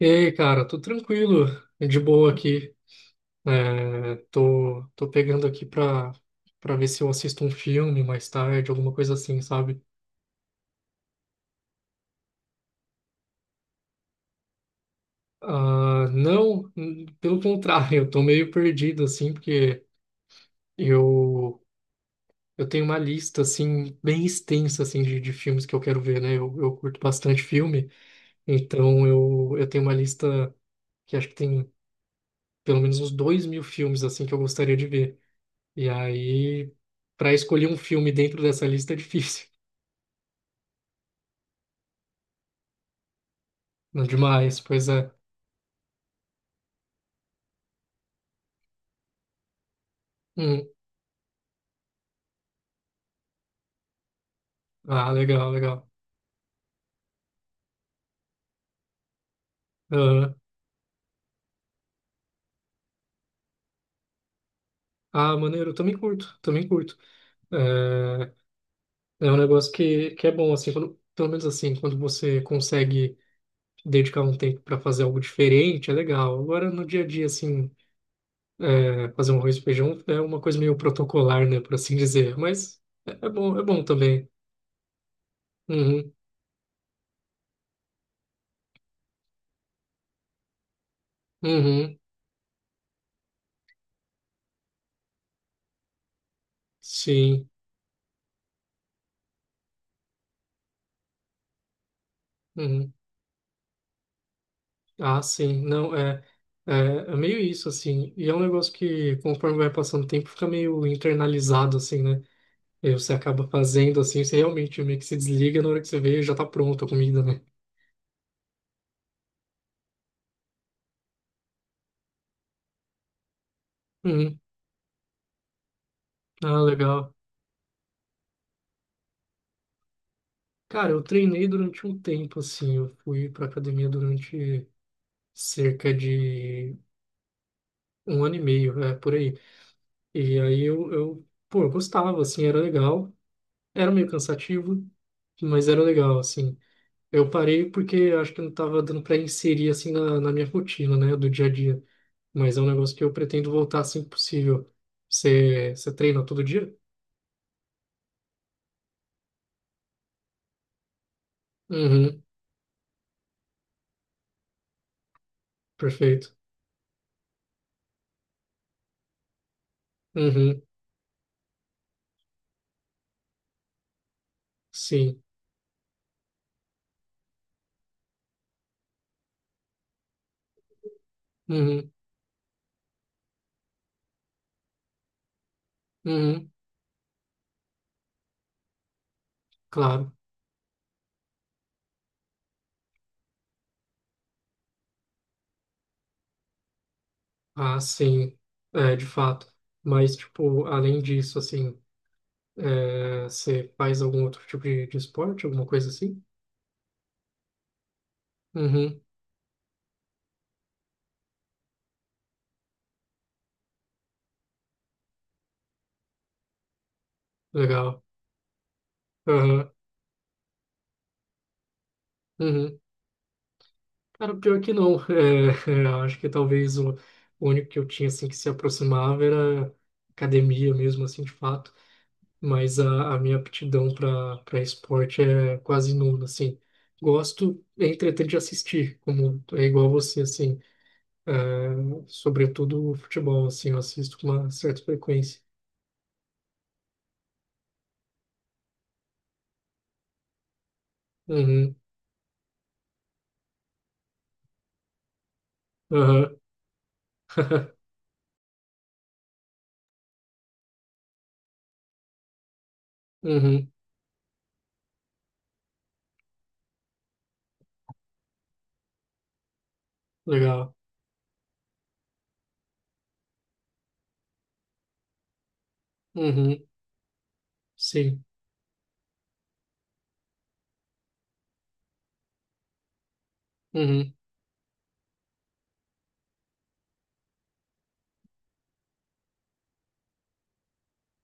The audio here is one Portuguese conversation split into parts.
E aí, cara, tô tranquilo, é de boa aqui. É, tô pegando aqui pra ver se eu assisto um filme mais tarde, alguma coisa assim, sabe? Ah, não, pelo contrário, eu tô meio perdido, assim, porque eu, eu tenho uma lista, assim, bem extensa, assim, de filmes que eu quero ver, né? Eu curto bastante filme, então eu tenho uma lista que acho que tem pelo menos uns 2.000 filmes, assim, que eu gostaria de ver. E aí, para escolher um filme dentro dessa lista é difícil. Não demais, pois é. Hum. Ah, legal, legal. Aham. Ah, maneiro, eu também curto, também curto. É, é um negócio que é bom, assim, quando, pelo menos assim, quando você consegue dedicar um tempo para fazer algo diferente, é legal. Agora, no dia a dia, assim, é, fazer um arroz e feijão é uma coisa meio protocolar, né, por assim dizer. Mas é, é bom também. Uhum, uhum, sim, uhum. Ah, sim, não, é, é, é meio isso, assim, e é um negócio que, conforme vai passando o tempo, fica meio internalizado, assim, né? E você acaba fazendo, assim, você realmente meio que se desliga na hora que você vê, já tá pronta a comida, né? Uhum. Ah, legal. Cara, eu treinei durante um tempo, assim, eu fui pra academia durante cerca de um ano e meio, é, por aí. E aí pô, eu gostava, assim, era legal, era meio cansativo, mas era legal, assim. Eu parei porque acho que não estava dando para inserir assim na, na minha rotina, né, do dia a dia. Mas é um negócio que eu pretendo voltar assim que possível. Você treina todo dia? Uhum, perfeito. Uhum, sim. Uhum, uhum, claro. Ah, sim. É, de fato. Mas, tipo, além disso, assim, é, você faz algum outro tipo de esporte, alguma coisa assim? Uhum, legal. Aham, uhum. Cara, pior é que não. É, é, eu acho que talvez o único que eu tinha assim que se aproximava era academia mesmo, assim, de fato. Mas a minha aptidão para para esporte é quase nula, assim. Gosto, entretanto, de assistir, como é igual você, assim. É, sobretudo o futebol, assim, eu assisto com uma certa frequência. Uhum, aham, uhum, legal. Uhum, sim. Uhum,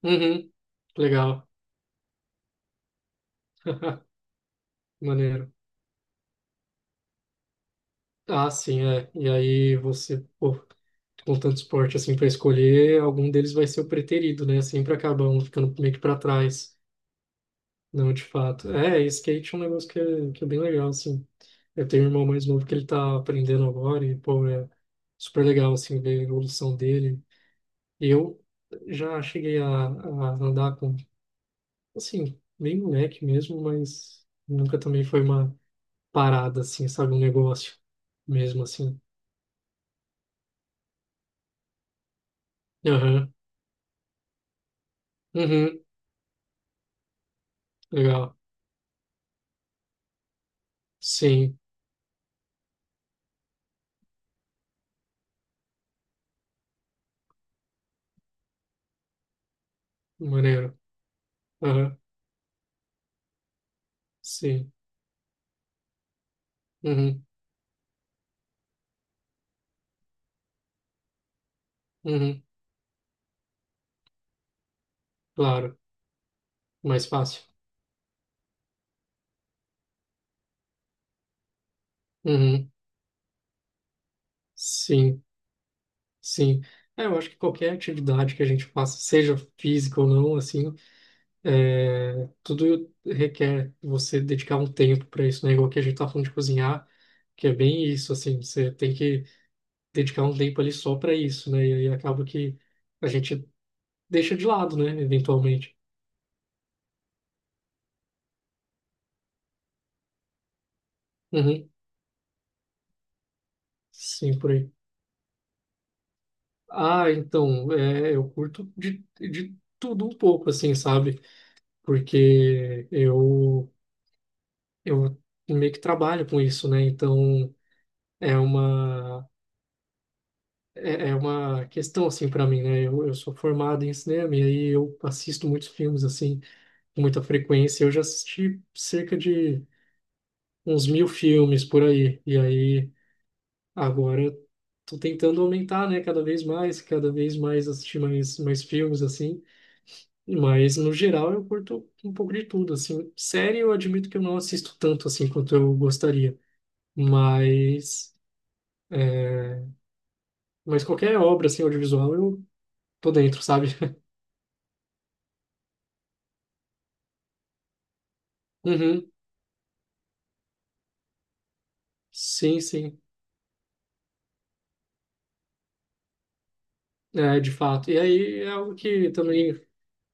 uhum, legal. Maneiro. Ah, sim, é. E aí você, pô, com tanto esporte assim para escolher, algum deles vai ser o preterido, né? Sempre acaba um ficando meio que para trás. Não, de fato. É, skate é um negócio que é bem legal, assim. Eu tenho um irmão mais novo que ele tá aprendendo agora e, pô, é super legal, assim, ver a evolução dele. Eu já cheguei a andar com, assim, bem moleque mesmo, mas nunca também foi uma parada, assim, sabe? Um negócio mesmo, assim. Aham. Uhum. Legal. Sim, maneiro. Aham, sim. Uhum. Uhum. Claro. Mais fácil. Uhum. Sim, sim. É, eu acho que qualquer atividade que a gente faça, seja física ou não, assim, é, tudo requer você dedicar um tempo para isso, né? Igual que a gente tá falando de cozinhar, que é bem isso, assim, você tem que dedicar um tempo ali só para isso, né? E aí acaba que a gente deixa de lado, né? Eventualmente. Uhum. Sim, por aí. Ah, então, é, eu curto de tudo um pouco, assim, sabe? Porque eu meio que trabalho com isso, né? Então, é uma, é, é uma questão, assim, para mim, né? Eu sou formado em cinema e aí eu assisto muitos filmes, assim, com muita frequência. Eu já assisti cerca de uns 1.000 filmes por aí. E aí, agora, eu tô tentando aumentar, né? Cada vez mais assistir mais, mais filmes, assim. Mas, no geral, eu curto um pouco de tudo, assim. Série eu admito que eu não assisto tanto, assim, quanto eu gostaria. Mas, mas qualquer obra, assim, audiovisual, eu tô dentro, sabe? Uhum. Sim, sim. É, de fato. E aí é algo que também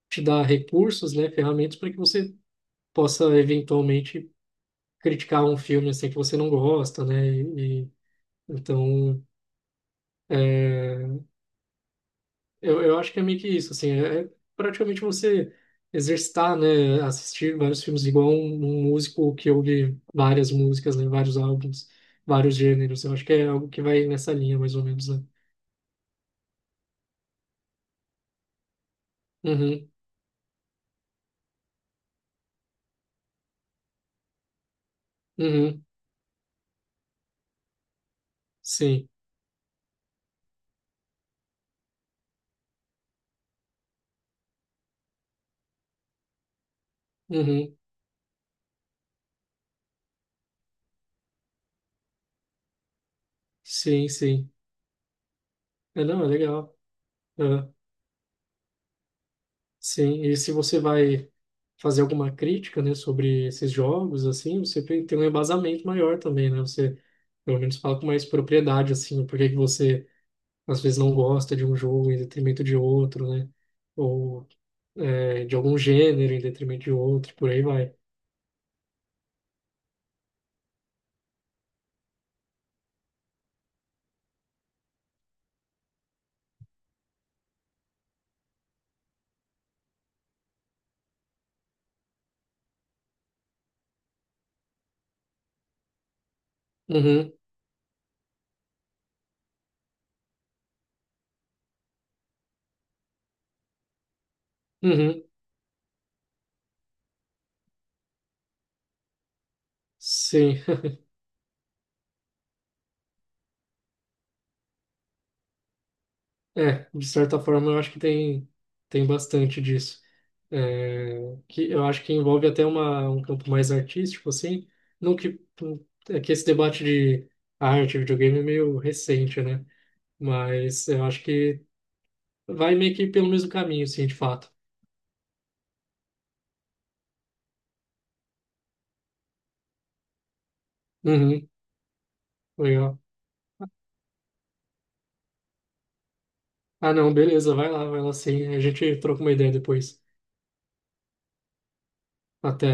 te dá recursos, né? Ferramentas para que você possa, eventualmente, criticar um filme, assim, que você não gosta, né? Então é, eu acho que é meio que isso, assim, é praticamente você exercitar, né, assistir vários filmes, igual um músico que ouve várias músicas, né, vários álbuns, vários gêneros. Eu acho que é algo que vai nessa linha, mais ou menos, né? Uhum, uhum, sim, uhum, sim, sim. É, não, é legal. É, sim, e se você vai fazer alguma crítica, né, sobre esses jogos, assim, você tem tem um embasamento maior também, né? Você, pelo menos, fala com mais propriedade, assim, por que que você às vezes não gosta de um jogo em detrimento de outro, né? Ou é, de algum gênero em detrimento de outro, por aí vai. Uhum, uhum, sim. É, de certa forma eu acho que tem, tem bastante disso. É, que eu acho que envolve até uma, um campo mais artístico, assim. Não que, é que esse debate de arte e videogame é meio recente, né? Mas eu acho que vai meio que pelo mesmo caminho, sim, de fato. Uhum, legal. Ah, não, beleza, vai lá sim. A gente troca uma ideia depois. Até.